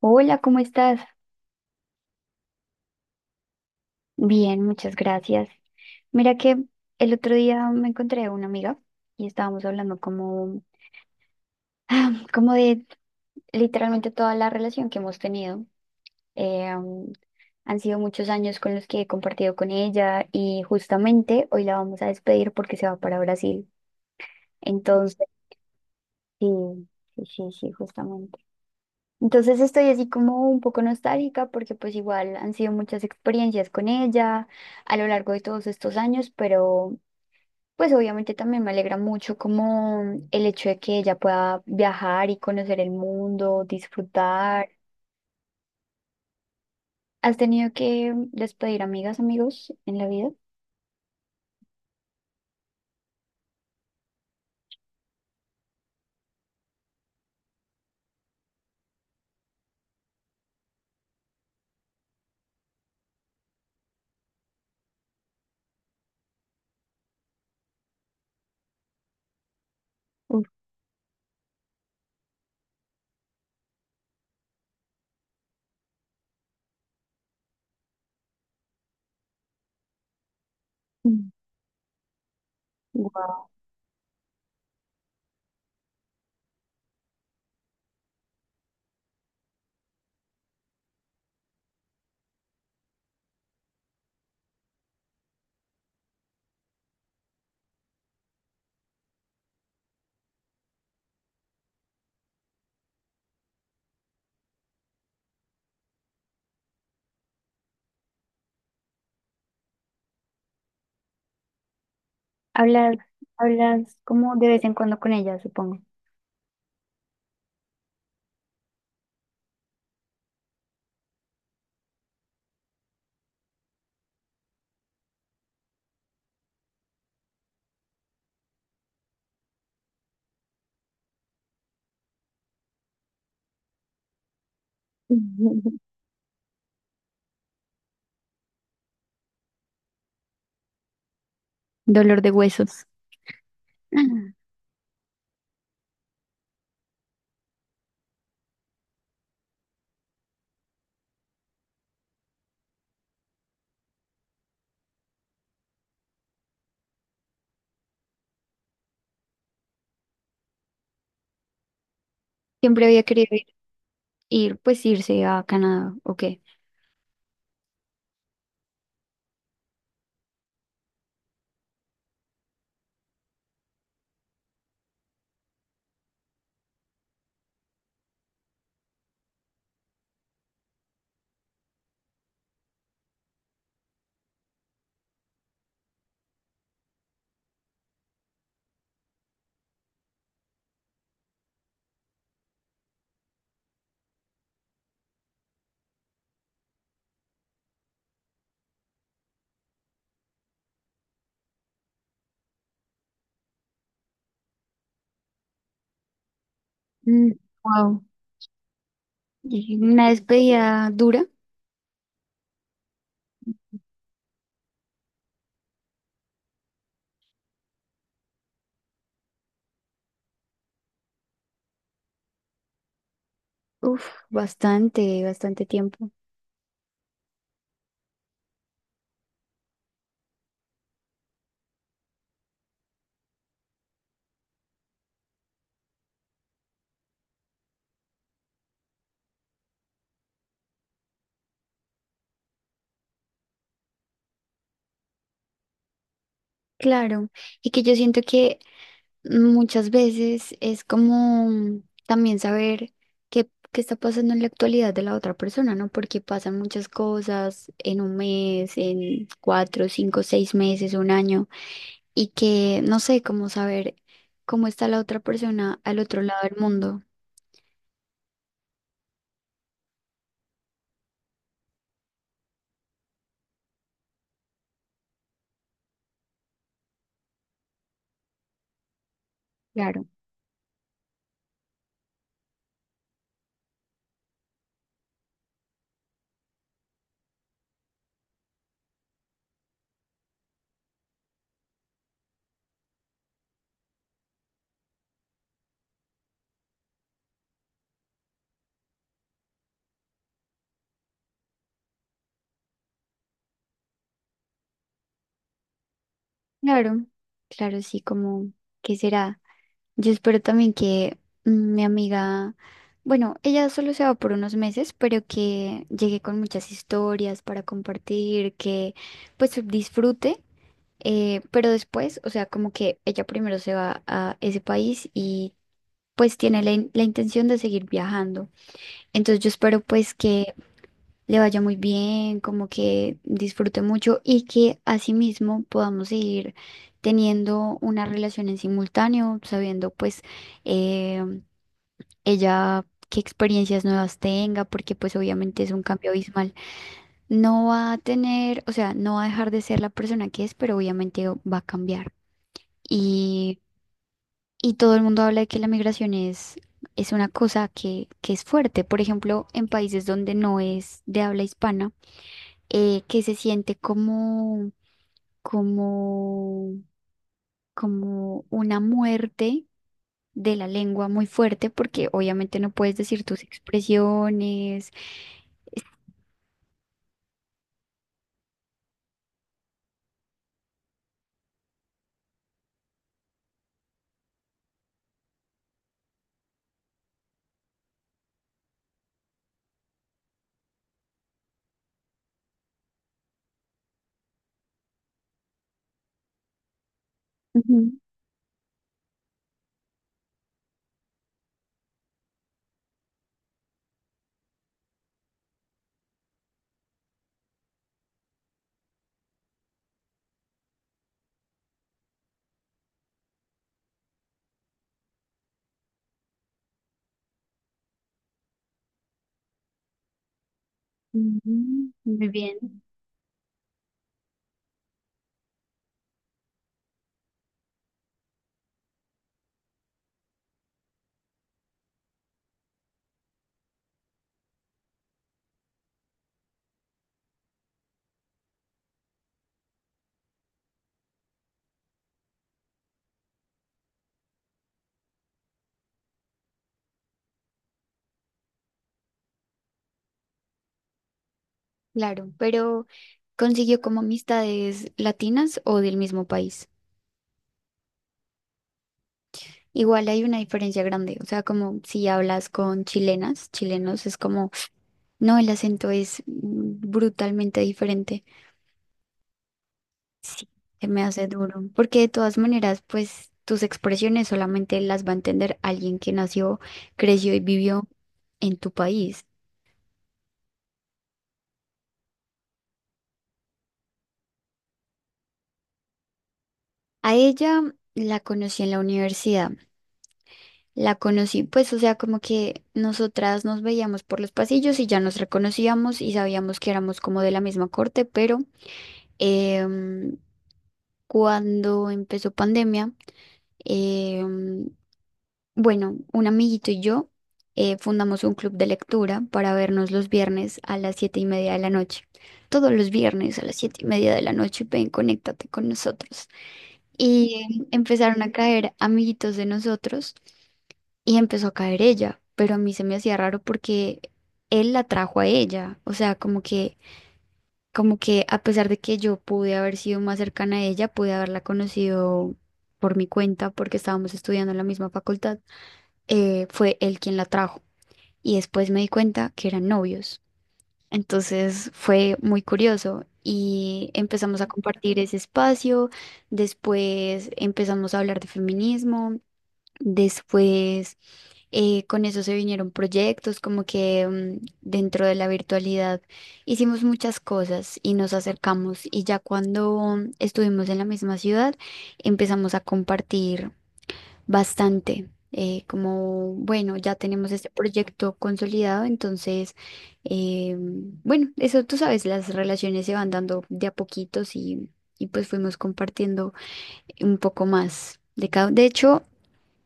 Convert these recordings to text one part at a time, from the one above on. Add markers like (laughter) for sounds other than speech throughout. Hola, ¿cómo estás? Bien, muchas gracias. Mira que el otro día me encontré una amiga y estábamos hablando como de literalmente toda la relación que hemos tenido. Eh, um, Han sido muchos años con los que he compartido con ella y justamente hoy la vamos a despedir porque se va para Brasil. Entonces, sí, sí, sí, sí, justamente. Entonces estoy así como un poco nostálgica porque pues igual han sido muchas experiencias con ella a lo largo de todos estos años, pero... Pues obviamente también me alegra mucho como el hecho de que ella pueda viajar y conocer el mundo, disfrutar. ¿Has tenido que despedir amigas, amigos en la vida? Uf. Mm. Wow. Hablas, hablas como de vez en cuando con ella, supongo. (laughs) Ujú. Dolor de huesos. (laughs) Ah. Siempre había querido ir, ir, pues irse a Canadá, ok. Wow. Una despedida dura. Uf, bastante, bastante tiempo. Claro, y que yo siento que muchas veces es como también saber qué está pasando en la actualidad de la otra persona, ¿no? Porque pasan muchas cosas en un mes, en cuatro, cinco, seis meses, un año, y que no sé cómo saber cómo está la otra persona al otro lado del mundo. Claro, claro, claro, sí, como, ¿qué será? Yo espero también que mi amiga, bueno, ella solo se va por unos meses, pero que llegue con muchas historias para compartir, que pues disfrute, pero después, o sea, como que ella primero se va a ese país y pues tiene la, la intención de seguir viajando. Entonces yo espero pues que le vaya muy bien, como que disfrute mucho y que asimismo podamos seguir teniendo una relación en simultáneo, sabiendo pues, eh, ella qué experiencias nuevas tenga, porque pues obviamente es un cambio abismal. No va a tener, o sea, no va a dejar de ser la persona que es, pero obviamente va a cambiar. Y, y todo el mundo habla de que la migración es una cosa que es fuerte. Por ejemplo, en países donde no es de habla hispana, que se siente como, como una muerte de la lengua muy fuerte, porque obviamente no puedes decir tus expresiones. Es- Ujú, ujú. Muy bien, claro, pero consiguió como amistades latinas o del mismo país. Igual hay una diferencia grande, o sea, como si hablas con chilenas, chilenos es como, no, el acento es brutalmente diferente. Sí, se me hace duro, porque de todas maneras, pues tus expresiones solamente las va a entender alguien que nació, creció y vivió en tu país. A ella la conocí en la universidad, la conocí, pues, o sea, como que nosotras nos veíamos por los pasillos y ya nos reconocíamos y sabíamos que éramos como de la misma corte, pero em, cuando empezó pandemia, em, bueno, un amiguito y yo fundamos un club de lectura para vernos los viernes a las 7:30 de la noche. Todos los viernes a las 7:30 de la noche, ven, conéctate con nosotros. Y empezaron a caer amiguitos de nosotros y empezó a caer ella, pero a mí se me hacía raro porque él la trajo a ella. O sea, como que a pesar de que yo pude haber sido más cercana a ella, pude haberla conocido por mi cuenta porque estábamos estudiando en la misma facultad, fue él quien la trajo. Y después me di cuenta que eran novios. Entonces fue muy curioso y empezamos a compartir ese espacio. Después empezamos a hablar de feminismo. Después, con eso se vinieron proyectos, como que dentro de la virtualidad hicimos muchas cosas y nos acercamos. Y ya cuando estuvimos en la misma ciudad, empezamos a compartir bastante. Eh, como, bueno, ya tenemos este proyecto consolidado, entonces, eh, bueno, eso tú sabes, las relaciones se van dando de a poquitos y pues fuimos compartiendo un poco más de cada. De hecho,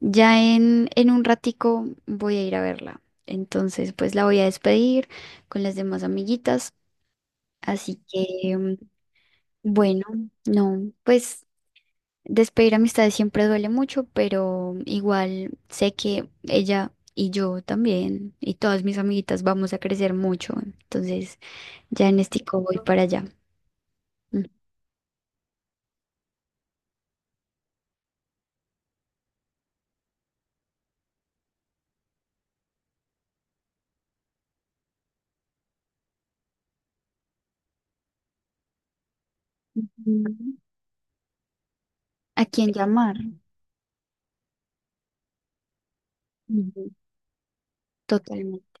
ya en un ratico voy a ir a verla. Entonces, pues la voy a despedir con las demás amiguitas. Así que, bueno, no, pues despedir amistades siempre duele mucho, pero igual sé que ella y yo también y todas mis amiguitas vamos a crecer mucho. Entonces, ya en este voy para allá. Ujú. ¿A quién llamar? Ujú. Totalmente.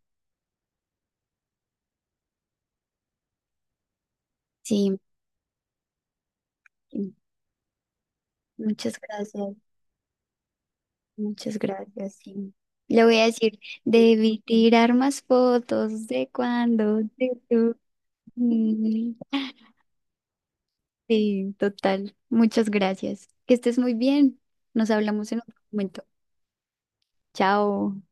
Sí, sí. Muchas gracias. Muchas gracias. Sí. Le voy a decir, debí tirar más fotos de cuando te tuve. Sí, total. Muchas gracias. Que estés muy bien. Nos hablamos en otro momento. Chao.